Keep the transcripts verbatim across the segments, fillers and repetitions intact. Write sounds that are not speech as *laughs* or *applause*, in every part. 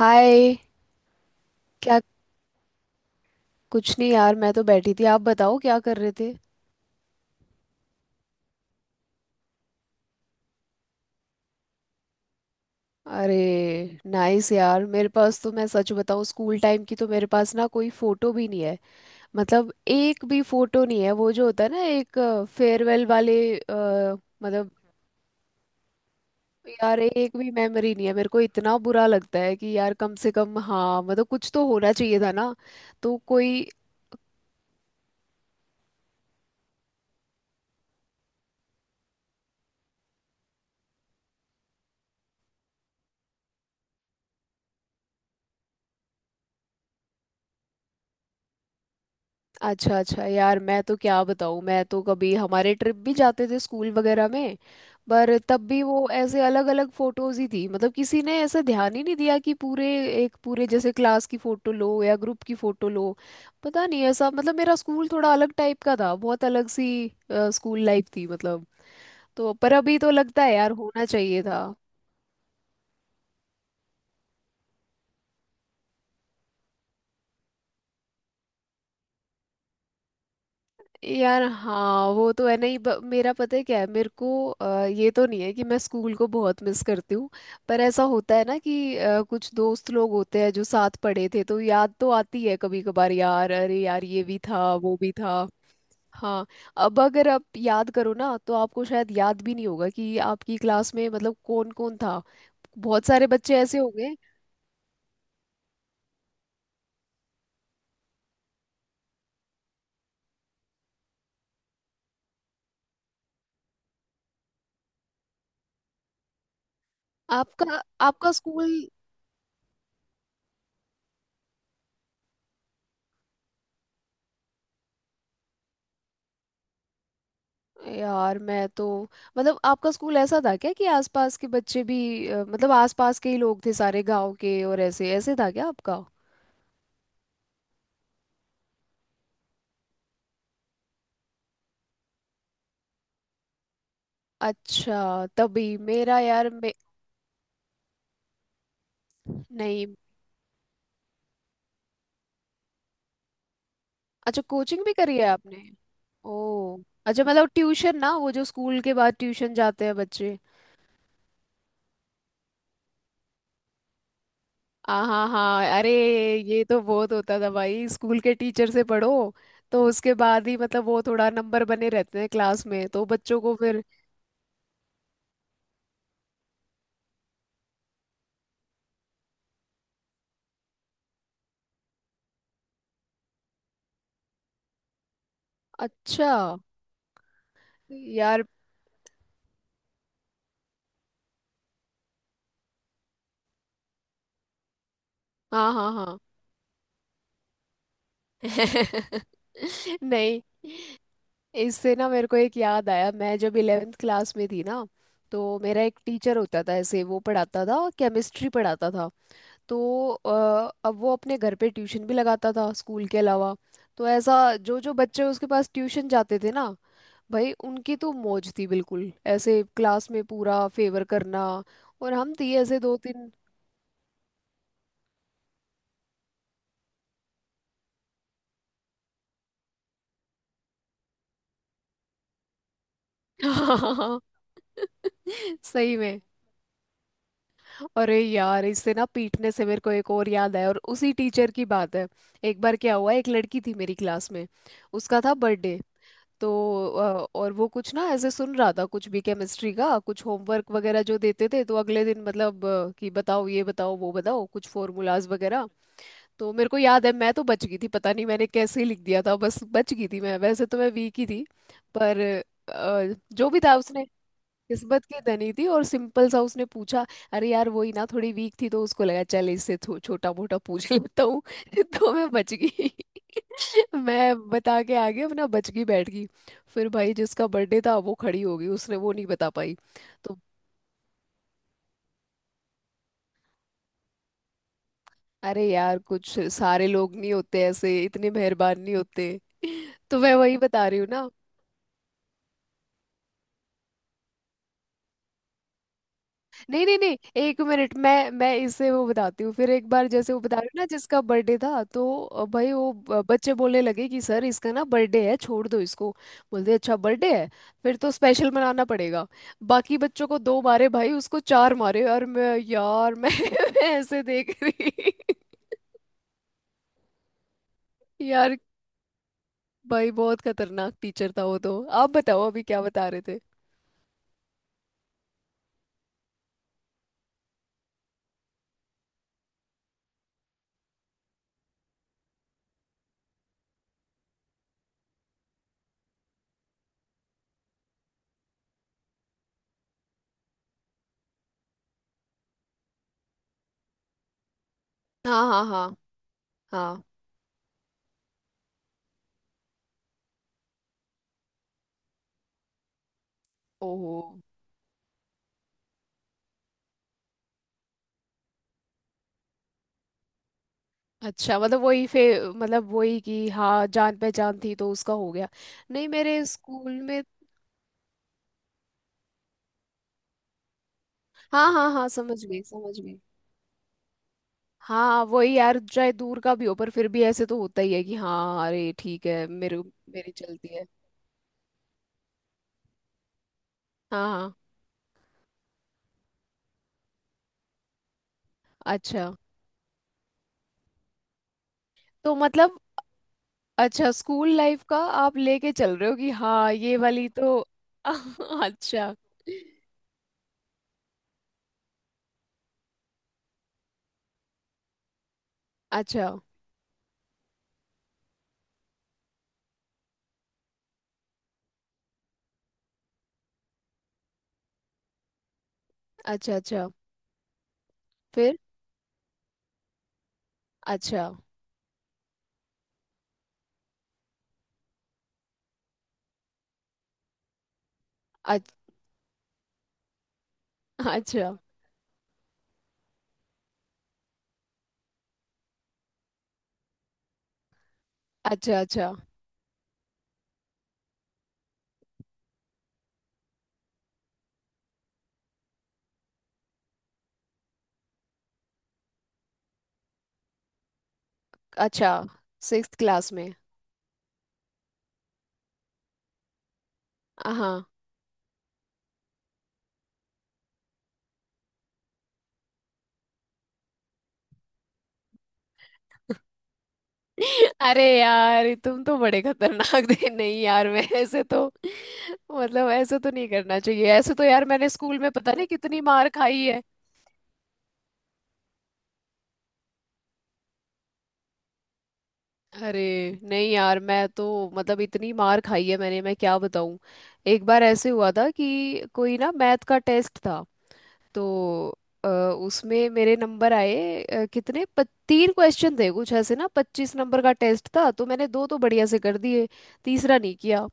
हाय। क्या? कुछ नहीं यार, मैं तो बैठी थी। आप बताओ, क्या कर रहे थे? अरे, नाइस यार। मेरे पास तो, मैं सच बताऊं, स्कूल टाइम की तो मेरे पास ना कोई फोटो भी नहीं है। मतलब एक भी फोटो नहीं है। वो जो होता है ना, एक फेयरवेल वाले अ, मतलब। यार एक भी मेमोरी नहीं है, मेरे को इतना बुरा लगता है कि यार कम से कम, हाँ मतलब, कुछ तो होना चाहिए था ना। तो कोई। अच्छा अच्छा। यार मैं तो क्या बताऊँ, मैं तो कभी, हमारे ट्रिप भी जाते थे स्कूल वगैरह में। पर तब भी वो ऐसे अलग अलग फोटोज ही थी। मतलब किसी ने ऐसा ध्यान ही नहीं दिया कि पूरे, एक पूरे जैसे क्लास की फोटो लो या ग्रुप की फोटो लो। पता नहीं ऐसा, मतलब मेरा स्कूल थोड़ा अलग टाइप का था, बहुत अलग सी स्कूल लाइफ थी मतलब। तो पर अभी तो लगता है यार, होना चाहिए था। यार हाँ, वो तो है नहीं। ब, मेरा पता है क्या है, मेरे को अ, ये तो नहीं है कि मैं स्कूल को बहुत मिस करती हूँ। पर ऐसा होता है ना कि अ, कुछ दोस्त लोग होते हैं जो साथ पढ़े थे, तो याद तो आती है कभी कभार यार, अरे यार ये भी था वो भी था। हाँ। अब अगर आप याद करो ना, तो आपको शायद याद भी नहीं होगा कि आपकी क्लास में मतलब कौन कौन था। बहुत सारे बच्चे ऐसे होंगे। आपका आपका स्कूल। यार मैं तो मतलब, आपका स्कूल ऐसा था क्या कि आसपास के बच्चे भी, अ, मतलब आसपास के ही लोग थे सारे गांव के? और ऐसे ऐसे था क्या आपका? अच्छा, तभी मेरा यार मे... नहीं। अच्छा, कोचिंग भी करी है आपने? ओ। अच्छा, मतलब ट्यूशन ना, वो जो स्कूल के बाद ट्यूशन जाते हैं बच्चे। हाँ हाँ हाँ। अरे, ये तो बहुत होता था भाई, स्कूल के टीचर से पढ़ो, तो उसके बाद ही मतलब वो थोड़ा नंबर बने रहते हैं क्लास में, तो बच्चों को फिर। अच्छा। यार, हाँ हाँ हाँ। *laughs* नहीं, इससे ना मेरे को एक याद आया। मैं जब इलेवेंथ क्लास में थी ना, तो मेरा एक टीचर होता था ऐसे, वो पढ़ाता था, केमिस्ट्री पढ़ाता था। तो अ, अब वो अपने घर पे ट्यूशन भी लगाता था स्कूल के अलावा। तो ऐसा, जो जो बच्चे उसके पास ट्यूशन जाते थे ना, भाई उनकी तो मौज थी, बिल्कुल ऐसे क्लास में पूरा फेवर करना। और हम थी ऐसे दो तीन। *laughs* सही में। अरे यार, इससे ना पीटने से मेरे को एक और याद आया, और उसी टीचर की बात है। एक बार क्या हुआ, एक लड़की थी मेरी क्लास में, उसका था बर्थडे। तो अ, और वो कुछ ना ऐसे, सुन रहा था कुछ भी, केमिस्ट्री का कुछ होमवर्क वगैरह जो देते थे तो अगले दिन मतलब अ, कि बताओ, ये बताओ, वो बताओ, कुछ फॉर्मूलाज वगैरह। तो मेरे को याद है मैं तो बच गई थी। पता नहीं मैंने कैसे लिख दिया था, बस बच गई थी मैं। वैसे तो मैं वीक ही थी। पर अ, जो भी था उसने, किस्मत की धनी थी, और सिंपल सा उसने पूछा। अरे यार वही ना, थोड़ी वीक थी तो उसको लगा चल इससे छोटा मोटा पूछ लेता हूँ। *laughs* तो मैं बच गई। *laughs* मैं बता के आगे अपना बच गई, बैठ गई। फिर भाई जिसका बर्थडे था, वो खड़ी हो गई, उसने वो नहीं बता पाई। तो अरे यार, कुछ, सारे लोग नहीं होते ऐसे, इतने मेहरबान नहीं होते। *laughs* तो मैं वही बता रही हूँ ना। नहीं नहीं नहीं, एक मिनट, मैं मैं इसे वो बताती हूँ। फिर एक बार जैसे वो बता रहे हो ना, जिसका बर्थडे था, तो अ, भाई वो ब- बच्चे बोलने लगे कि सर, इसका ना बर्थडे है, छोड़ दो इसको। बोलते अच्छा, बर्थडे है, फिर तो स्पेशल मनाना पड़ेगा। बाकी बच्चों को दो मारे भाई, उसको चार मारे। और मैं यार, मैं, *laughs* मैं ऐसे देख रही। *laughs* यार, भाई बहुत खतरनाक टीचर था वो तो। आप बताओ अभी, क्या बता रहे थे? हाँ हाँ हाँ हाँ। ओहो। अच्छा, मतलब वही फिर, मतलब वही कि हाँ, जान पहचान थी तो उसका हो गया। नहीं, मेरे स्कूल में। हाँ हाँ हाँ, समझ गई समझ गई। हाँ वही यार, चाहे दूर का भी हो पर फिर भी ऐसे तो होता ही है कि हाँ, अरे ठीक है, मेरे, मेरी चलती है। हाँ हाँ। अच्छा, तो मतलब, अच्छा, स्कूल लाइफ का आप लेके चल रहे हो कि हाँ ये वाली तो। *laughs* अच्छा अच्छा अच्छा अच्छा। फिर। अच्छा अच्छा अच्छा अच्छा अच्छा। सिक्स्थ क्लास में? हाँ। *laughs* अरे यार, तुम तो बड़े खतरनाक थे। नहीं यार, मैं ऐसे तो, मतलब ऐसे तो नहीं करना चाहिए, ऐसे तो यार मैंने स्कूल में पता नहीं कितनी मार खाई है। अरे। नहीं यार, मैं तो, मतलब इतनी मार खाई है मैंने, मैं क्या बताऊं। एक बार ऐसे हुआ था कि कोई ना, मैथ का टेस्ट था। तो अ, उसमें मेरे नंबर आए, अ, कितने प, तीन क्वेश्चन थे कुछ ऐसे ना, पच्चीस नंबर का टेस्ट था, तो मैंने दो तो बढ़िया से कर दिए, तीसरा नहीं किया।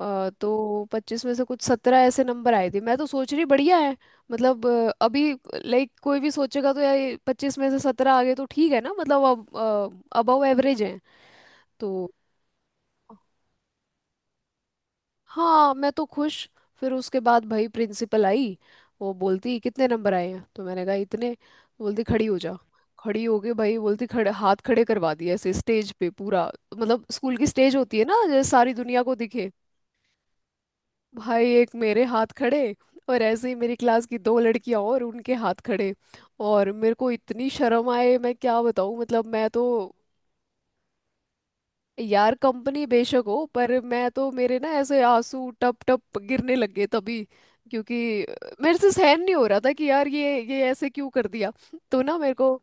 अ, तो पच्चीस में से कुछ सत्रह ऐसे नंबर आए थे। मैं तो सोच रही बढ़िया है। मतलब अ, अभी लाइक कोई भी सोचेगा तो यार, पच्चीस में से सत्रह आ गए तो ठीक है ना, मतलब अब अबव एवरेज है। तो हाँ मैं तो खुश। फिर उसके बाद भाई, प्रिंसिपल आई। वो बोलती कितने नंबर आए हैं, तो मैंने कहा इतने, तो बोलती खड़ी हो जा। खड़ी हो गई भाई, बोलती खड़े, हाथ खड़े करवा दिए ऐसे, स्टेज पे पूरा। मतलब स्कूल की स्टेज होती है ना, जैसे सारी दुनिया को दिखे। भाई एक मेरे हाथ खड़े, और ऐसे ही मेरी क्लास की दो लड़कियां, और उनके हाथ खड़े। और मेरे को इतनी शर्म आए, मैं क्या बताऊँ, मतलब मैं तो। यार कंपनी बेशक हो, पर मैं तो, मेरे ना ऐसे आंसू टप टप गिरने लग गए तभी, क्योंकि मेरे से सहन नहीं हो रहा था कि यार ये ये ऐसे क्यों कर दिया। तो ना मेरे को।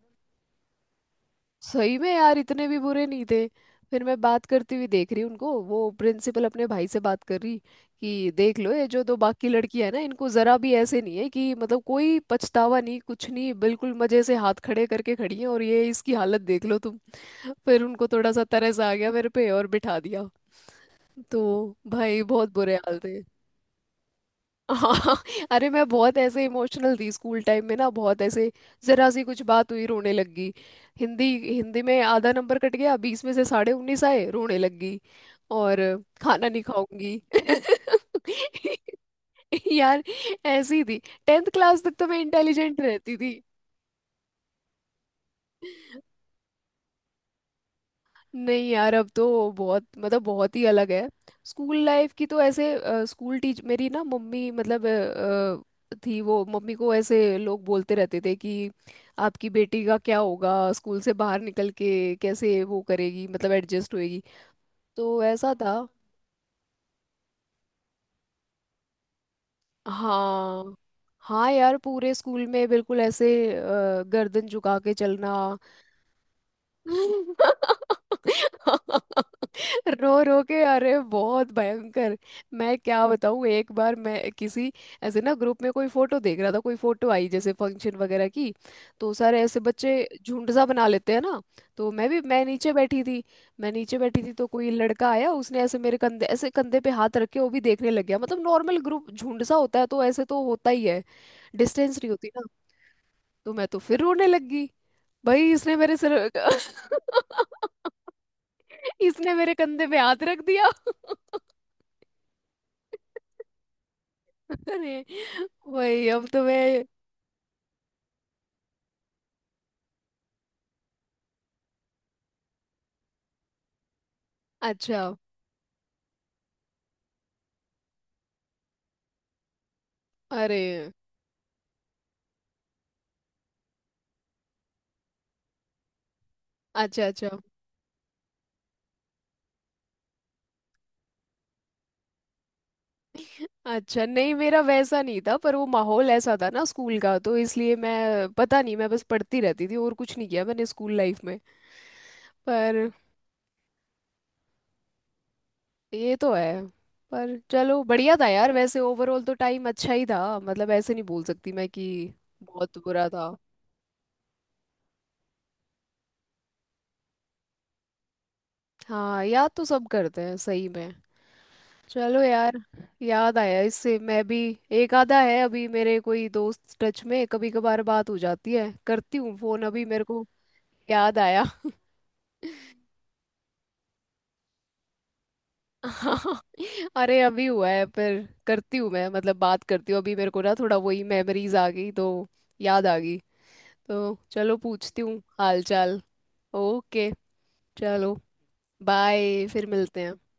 सही में यार, इतने भी बुरे नहीं थे। फिर मैं बात करती हुई देख रही उनको, वो प्रिंसिपल अपने भाई से बात कर रही कि देख लो ये जो दो बाकी लड़की है ना, इनको जरा भी ऐसे नहीं है कि मतलब कोई पछतावा नहीं, कुछ नहीं, बिल्कुल मजे से हाथ खड़े करके खड़ी है, और ये इसकी हालत देख लो तुम। फिर उनको थोड़ा सा तरस आ गया मेरे पे और बिठा दिया। तो भाई बहुत बुरे हाल थे। हाँ। *laughs* अरे मैं बहुत ऐसे इमोशनल थी स्कूल टाइम में ना, बहुत ऐसे, जरा सी कुछ बात हुई रोने लग गई। हिंदी हिंदी में आधा नंबर कट गया, बीस में से साढ़े उन्नीस आए, रोने लग गई। और खाना नहीं खाऊंगी। *laughs* यार, ऐसी थी। टेंथ क्लास तक तो मैं इंटेलिजेंट रहती थी। नहीं यार, अब तो बहुत, मतलब बहुत ही अलग है। स्कूल लाइफ की तो ऐसे, अ, स्कूल टीच, मेरी ना मम्मी मतलब, अ, अ, थी वो, मम्मी को ऐसे लोग बोलते रहते थे कि आपकी बेटी का क्या होगा, स्कूल से बाहर निकल के कैसे वो करेगी, मतलब एडजस्ट होएगी। तो ऐसा था। हाँ। हाँ यार, पूरे स्कूल में बिल्कुल ऐसे, अ, गर्दन झुका के चलना। *laughs* रो रो के, अरे बहुत भयंकर। मैं क्या बताऊं, एक बार मैं किसी, ऐसे ना ग्रुप में कोई फोटो देख रहा था, कोई फोटो आई जैसे फंक्शन वगैरह की। तो सारे ऐसे बच्चे झुंड सा बना लेते हैं ना। तो मैं भी, मैं नीचे बैठी थी। मैं नीचे बैठी थी तो कोई लड़का आया, उसने ऐसे मेरे कंधे, ऐसे कंधे पे हाथ रख के वो भी देखने लग गया। मतलब नॉर्मल ग्रुप, झुंड सा होता है तो ऐसे तो होता ही है। डिस्टेंस नहीं होती ना। तो मैं तो फिर रोने लग गई। भाई इसने मेरे सिर। *laughs* इसने मेरे कंधे पे हाथ रख दिया। *laughs* अरे, वही अब तो मैं। अच्छा। अरे। अच्छा अच्छा अच्छा। नहीं, मेरा वैसा नहीं था, पर वो माहौल ऐसा था ना स्कूल का, तो इसलिए मैं पता नहीं, मैं बस पढ़ती रहती थी और कुछ नहीं किया मैंने स्कूल लाइफ में। पर ये तो है। पर चलो बढ़िया था यार, वैसे ओवरऑल तो टाइम अच्छा ही था, मतलब ऐसे नहीं बोल सकती मैं कि बहुत बुरा था। हाँ याद तो सब करते हैं सही में। चलो यार, याद आया इससे मैं भी। एक आधा है अभी मेरे कोई दोस्त टच में, कभी कभार बात हो जाती है, करती हूँ फोन, अभी मेरे को याद आया। *laughs* अरे अभी हुआ है, पर करती हूँ मैं, मतलब बात करती हूँ, अभी मेरे को ना थोड़ा वही मेमोरीज आ गई तो, याद आ गई। तो चलो, पूछती हूँ हाल चाल। ओके। चलो, बाय। फिर मिलते हैं।